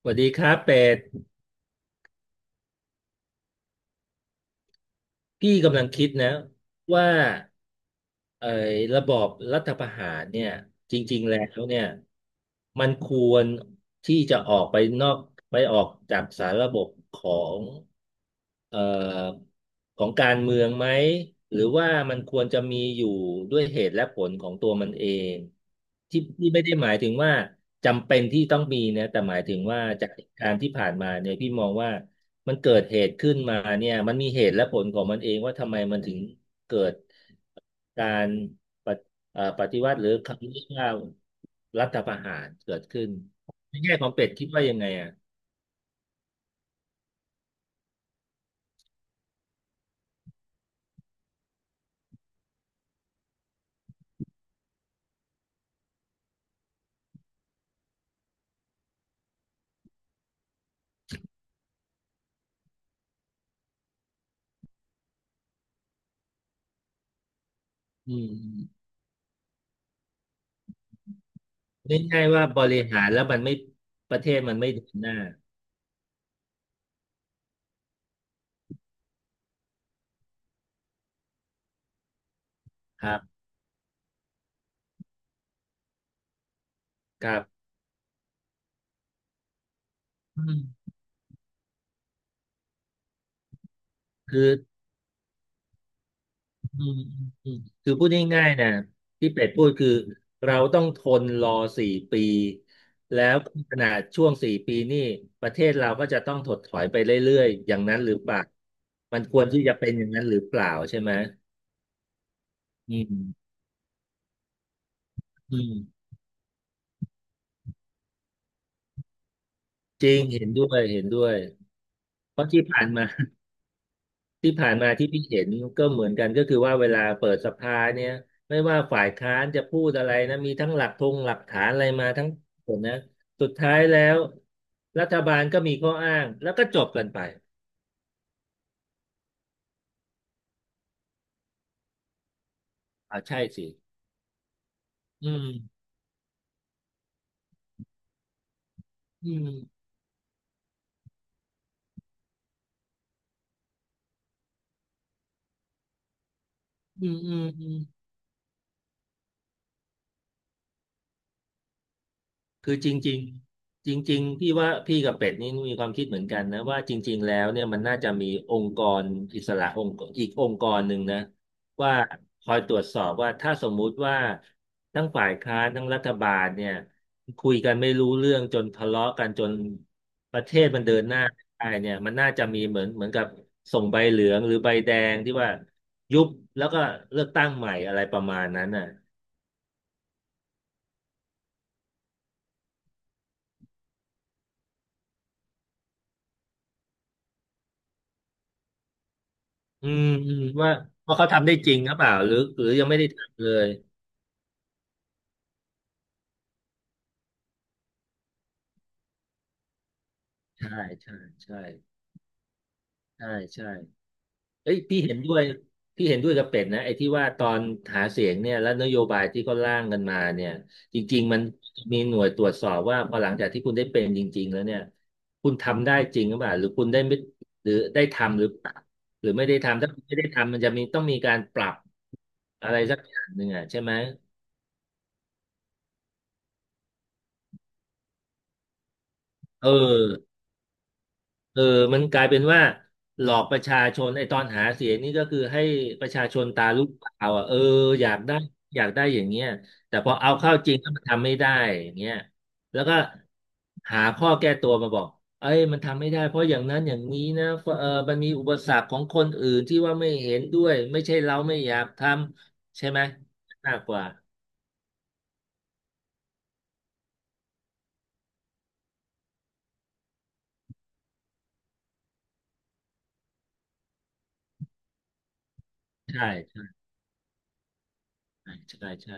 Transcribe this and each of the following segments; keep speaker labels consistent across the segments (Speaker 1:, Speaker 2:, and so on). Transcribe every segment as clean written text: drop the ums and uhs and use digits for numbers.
Speaker 1: สวัสดีครับเป็ดพี่กำลังคิดนะว่าเอ่อระบอบรัฐประหารเนี่ยจริงๆแล้วเนี่ยมันควรที่จะออกไปนอกไปออกจากสารระบบของเอ่อของการเมืองไหมหรือว่ามันควรจะมีอยู่ด้วยเหตุและผลของตัวมันเองที่ที่ไม่ได้หมายถึงว่าจำเป็นที่ต้องมีนะแต่หมายถึงว่าจากเหตุการณ์ที่ผ่านมาเนี่ยพี่มองว่า มันเกิดเหตุขึ้นมาเนี่ยมันมีเหตุและผลของมันเองว่าทำไมมันถึงเกิดการปฏิปฏิวัติหรือคำเรียกว่ารัฐประหารเกิดขึ้นในแง่ของเป็ดคิดว่ายังไงอ่ะอืมง่ายๆว่าบริหารแล้วมันไม่ประเทศมันไม่เดินหน้าครับครับอืมคือ อืมอืมคือพูดง่ายๆนะที่เป็ดพูดคือเราต้องทนรอสี่ปีแล้วขนาดช่วงสี่ปีนี่ประเทศเราก็จะต้องถดถอยไปเรื่อยๆอย่างนั้นหรือเปล่ามันควรที่จะเป็นอย่างนั้นหรือเปล่าใช่ไหมอืมอืมจริงเห็นด้วยเห็นด้วยเพราะที่ผ่านมา ที่ผ่านมาที่พี่เห็นก็เหมือนกันก็คือว่าเวลาเปิดสภาเนี่ยไม่ว่าฝ่ายค้านจะพูดอะไรนะมีทั้งหลักธงหลักฐานอะไรมาทั้งหมดนะสุดท้ายแล้วรัฐบาลก็มีข้ออ้างแล้วก็จบกันไปอ่าใช่สิอืมอืมอืมอืมอืม คือจริงๆจริงๆพี่ว่าพี่กับเป็ดนี่มีความคิดเหมือนกันนะว่าจริงๆแล้วเนี่ยมันน่าจะมีองค์กรอิสระองค์อีกองค์กรหนึ่งนะว่าคอยตรวจสอบว่าถ้าสมมุติว่าทั้งฝ่ายค้านทั้งรัฐบาลเนี่ยคุยกันไม่รู้เรื่องจนทะเลาะกันจนประเทศมันเดินหน้าไม่ได้เนี่ยมันน่าจะมีเหมือนกับส่งใบเหลืองหรือใบแดงที่ว่ายุบแล้วก็เลือกตั้งใหม่อะไรประมาณนั้นน่ะ อืมอืมว่าว่าเขาทำได้จริงหรือเปล่าหรือหรือยังไม่ได้ทำเลยใช่ใช่ใช่ใช่ใช่เอ้ยพี่เห็นด้วยพี่เห็นด้วยกับเป็ดนะไอ้ที่ว่าตอนหาเสียงเนี่ยและนโยบายที่เขาร่างกันมาเนี่ยจริงๆมันมีหน่วยตรวจสอบว่าพอหลังจากที่คุณได้เป็นจริงๆแล้วเนี่ยคุณทำได้จริงหรือเปล่าหรือคุณได้ไม่หรือได้ทำหรือเปล่าหรือไม่ได้ทำถ้าคุณไม่ได้ทำมันจะมีต้องมีการปรับอะไรสักอย่างหนึ่งอ่ะใช่ไหมเออ เออมันกลายเป็นว่าหลอกประชาชนไอ้ตอนหาเสียงนี่ก็คือให้ประชาชนตาลุกวาวอ่ะเอออยากได้อยากได้อย่างเงี้ยแต่พอเอาเข้าจริงแล้วมันทำไม่ได้อย่างเงี้ยแล้วก็หาข้อแก้ตัวมาบอกเอ้ยมันทำไม่ได้เพราะอย่างนั้นอย่างนี้นะเพราะมันมีอุปสรรคของคนอื่นที่ว่าไม่เห็นด้วยไม่ใช่เราไม่อยากทำใช่ไหมมากกว่าใช่ใช่ใช่ใช่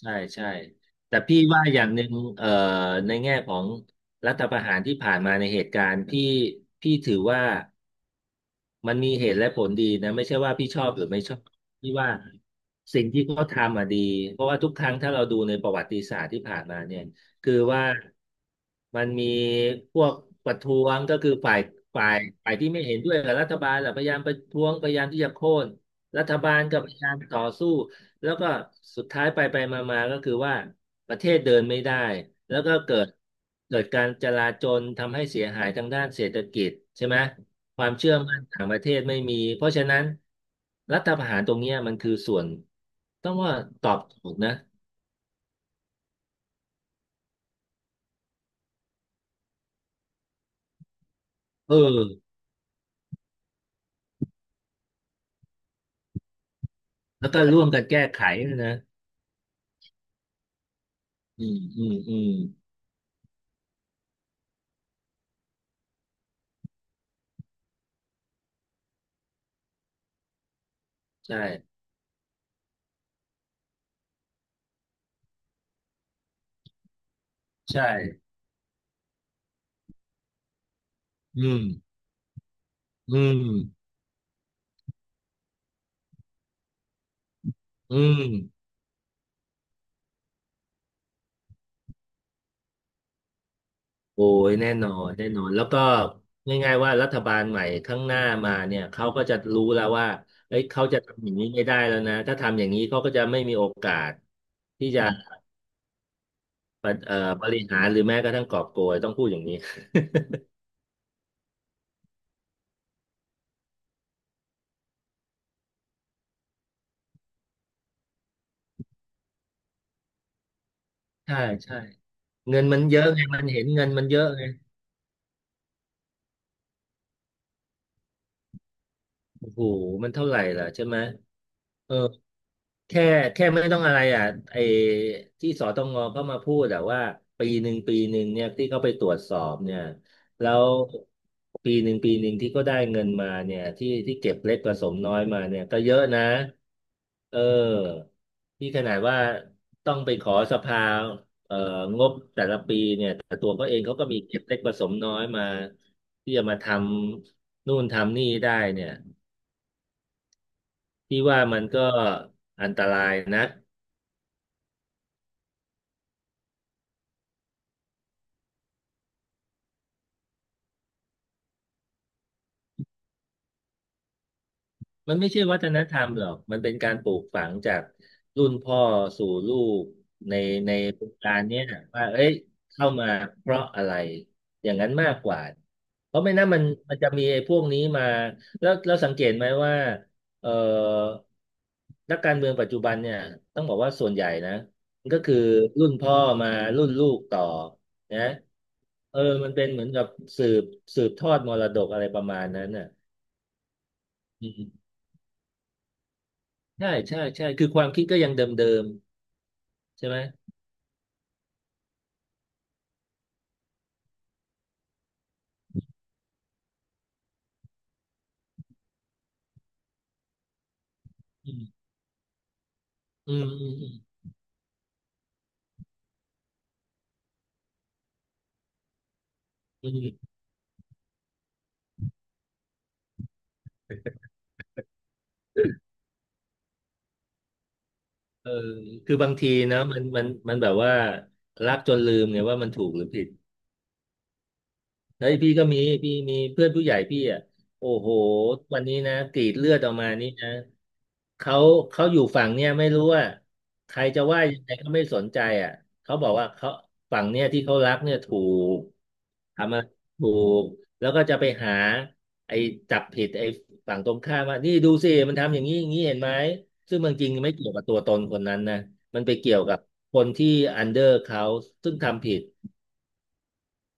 Speaker 1: ใช่ใช่แต่พี่ว่าอย่างหนึ่งเอ่อในแง่ของรัฐประหารที่ผ่านมาในเหตุการณ์พี่พี่ถือว่ามันมีเหตุและผลดีนะไม่ใช่ว่าพี่ชอบหรือไม่ชอบพี่ว่าสิ่งที่เขาทำอ่ะดีเพราะว่าทุกครั้งถ้าเราดูในประวัติศาสตร์ที่ผ่านมาเนี่ยคือว่ามันมีพวกประท้วงก็คือฝ่ายฝ่ายที่ไม่เห็นด้วยกับรัฐบาลแหละพยายามประท้วงพยายามที่จะโค่นรัฐบาลก็พยายามต่อสู้ แล้วก็สุดท้ายไปไปมามาก็คือว่าประเทศเดินไม่ได้แล้วก็เกิดการจลาจลทำให้เสียหายทางด้านเศรษฐกิจใช่ไหมความเชื่อมั่นต่างประเทศไม่มีเพราะฉะนั้นรัฐประหารตรงเนี้ยมันคือส่วนต้องว่าตอบโจทย์นะเออแล้วก็ร่วมกันแก้ไขด้วยนะอืมอืมอืมใช่ใช่อืมอืมอืม โอ้ยแน่นอนแน่นอนแล้วก็ง่ายๆว่ารัฐบาลใหม่ข้างหน้ามาเนี่ยเขาก็จะรู้แล้วว่าเอ้ยเขาจะทำอย่างนี้ไม่ได้แล้วนะถ้าทำอย่างนี้เขาก็จะไม่มีโอกาสที่จะปะเอ่อบริหารหรือแม้กระทั่งกอบโกยต้องพูดอย่างนี้ใช่ใช่เงินมันเยอะไงมันเห็นเงินมันเยอะไงโอ้โหมันเท่าไหร่ล่ะใช่ไหมเออ แค่แค่ไม่ต้องอะไรอ่ะไอ้ที่สตงก็มาพูดแต่ว่าปีหนึ่งปีหนึ่งเนี่ยที่เขาไปตรวจสอบเนี่ยแล้วปีหนึ่งปีหนึ่งที่เขาได้เงินมาเนี่ยที่เก็บเล็กผสมน้อยมาเนี่ยก็เยอะนะเออที่ขนาดว่าต้องไปขอสภาเอ่องบแต่ละปีเนี่ยแต่ตัวเขาเองเขาก็มีเก็บเล็กผสมน้อยมาที่จะมาทำนู่นทำนี่ได้เนี่ยที่ว่ามันก็อันตรายนะ มันไม่ใช่วัฒนธรรมหรอกมันเป็นการปลูกฝังจากรุ่นพ่อสู่ลูกในในวงการเนี้ยว่าเอ้ยเข้ามาเพราะอะไรอย่างนั้นมากกว่า เพราะไม่นั้นมันจะมีไอ้พวกนี้มาแล้วสังเกตไหมว่าเอ่อนักการเมืองปัจจุบันเนี่ยต้องบอกว่าส่วนใหญ่นะมันก็คือรุ่นพ่อมารุ่นลูกต่อนะเออมันเป็นเหมือนกับสืบสืบทอดมรดกอะไรประมาณนั้นน่ะอืม ใช่ใช่ใช่คือความคิดก็ยังเดิมๆใช่ไหมอืมอืมอืมอืมอเออคือบางทีนะมันแบบว่ารักจนลืมไงว่ามันถูกหรือผิด เฮ้ยพี่ก็มีพี่มีเพื่อนผู้ใหญ่พี่อ่ะโอ้โหวันนี้นะกรีดเลือดออกมานี่นะเขาเขาอยู่ฝั่งเนี่ยไม่รู้ว่าใครจะว่ายังไงก็ไม่สนใจอ่ะเขาบอกว่าเขาฝั่งเนี่ยที่เขารักเนี่ยถูกทำมาถูกแล้วก็จะไปหาไอ้จับผิดไอ้ฝั่งตรงข้ามว่านี่ดูสิมันทำอย่างนี้อย่างนี้เห็นไหมซึ่งมันจริงไม่เกี่ยวกับตัวตนคนนั้นนะมันไปเกี่ยวกับคนที่อันเดอร์เขาซึ่งทำผิด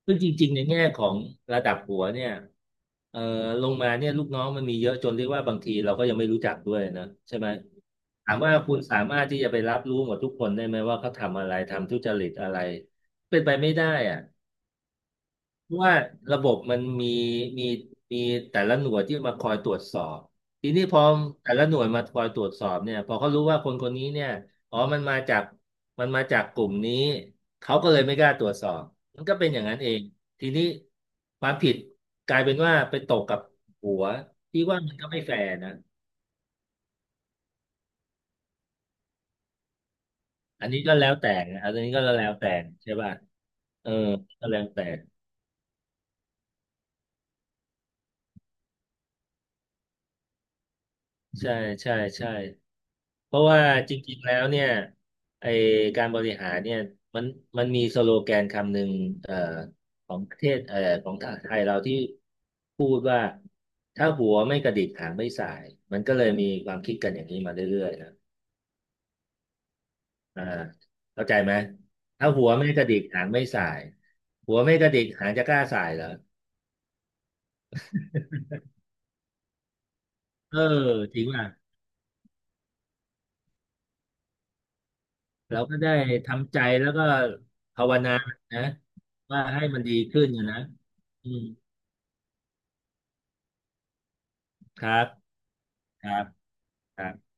Speaker 1: ซึ่งจริงๆในแง่ของระดับหัวเนี่ยเอ่อลงมาเนี่ยลูกน้องมันมีเยอะจนเรียกว่าบางทีเราก็ยังไม่รู้จักด้วยนะใช่ไหมถามว่าคุณสามารถที่จะไปรับรู้หมดทุกคนได้ไหมว่าเขาทำอะไรทำทุจริตอะไรเป็นไปไม่ได้อ่ะ เพราะว่าระบบมันมีมีมีแต่ละหน่วยที่มาคอยตรวจสอบทีนี้พอแต่ละหน่วยมาคอยตรวจสอบเนี่ยพอเขารู้ว่าคนคนนี้เนี่ยอ๋อมันมาจากกลุ่มนี้เขาก็เลยไม่กล้าตรวจสอบมันก็เป็นอย่างนั้นเองทีนี้ความผิดกลายเป็นว่าไปตกกับหัวที่ว่ามันก็ไม่แฟร์นะอันนี้ก็แล้วแต่นะอันนี้ก็แล้วแต่ใช่ป่ะเออก็แล้วแต่ใช่ใช่ใช่ เพราะว่าจริงๆแล้วเนี่ยไอการบริหารเนี่ยมันมันมีสโลแกนคำหนึ่งเอ่อของประเทศของไทยเราที่พูดว่าถ้าหัวไม่กระดิกหางไม่ส่ายมันก็เลยมีความคิดกันอย่างนี้มาเรื่อยๆนะอ่าเข้าใจไหมถ้าหัวไม่กระดิกหางไม่ส่ายหัวไม่กระดิกหางจะกล้าส่ายเหรอเออจริงป่ะเราก็ได้ทำใจแล้วก็ภาวนานะว่าให้มันดีขึ้นนะนะอืมครับครับ ครับ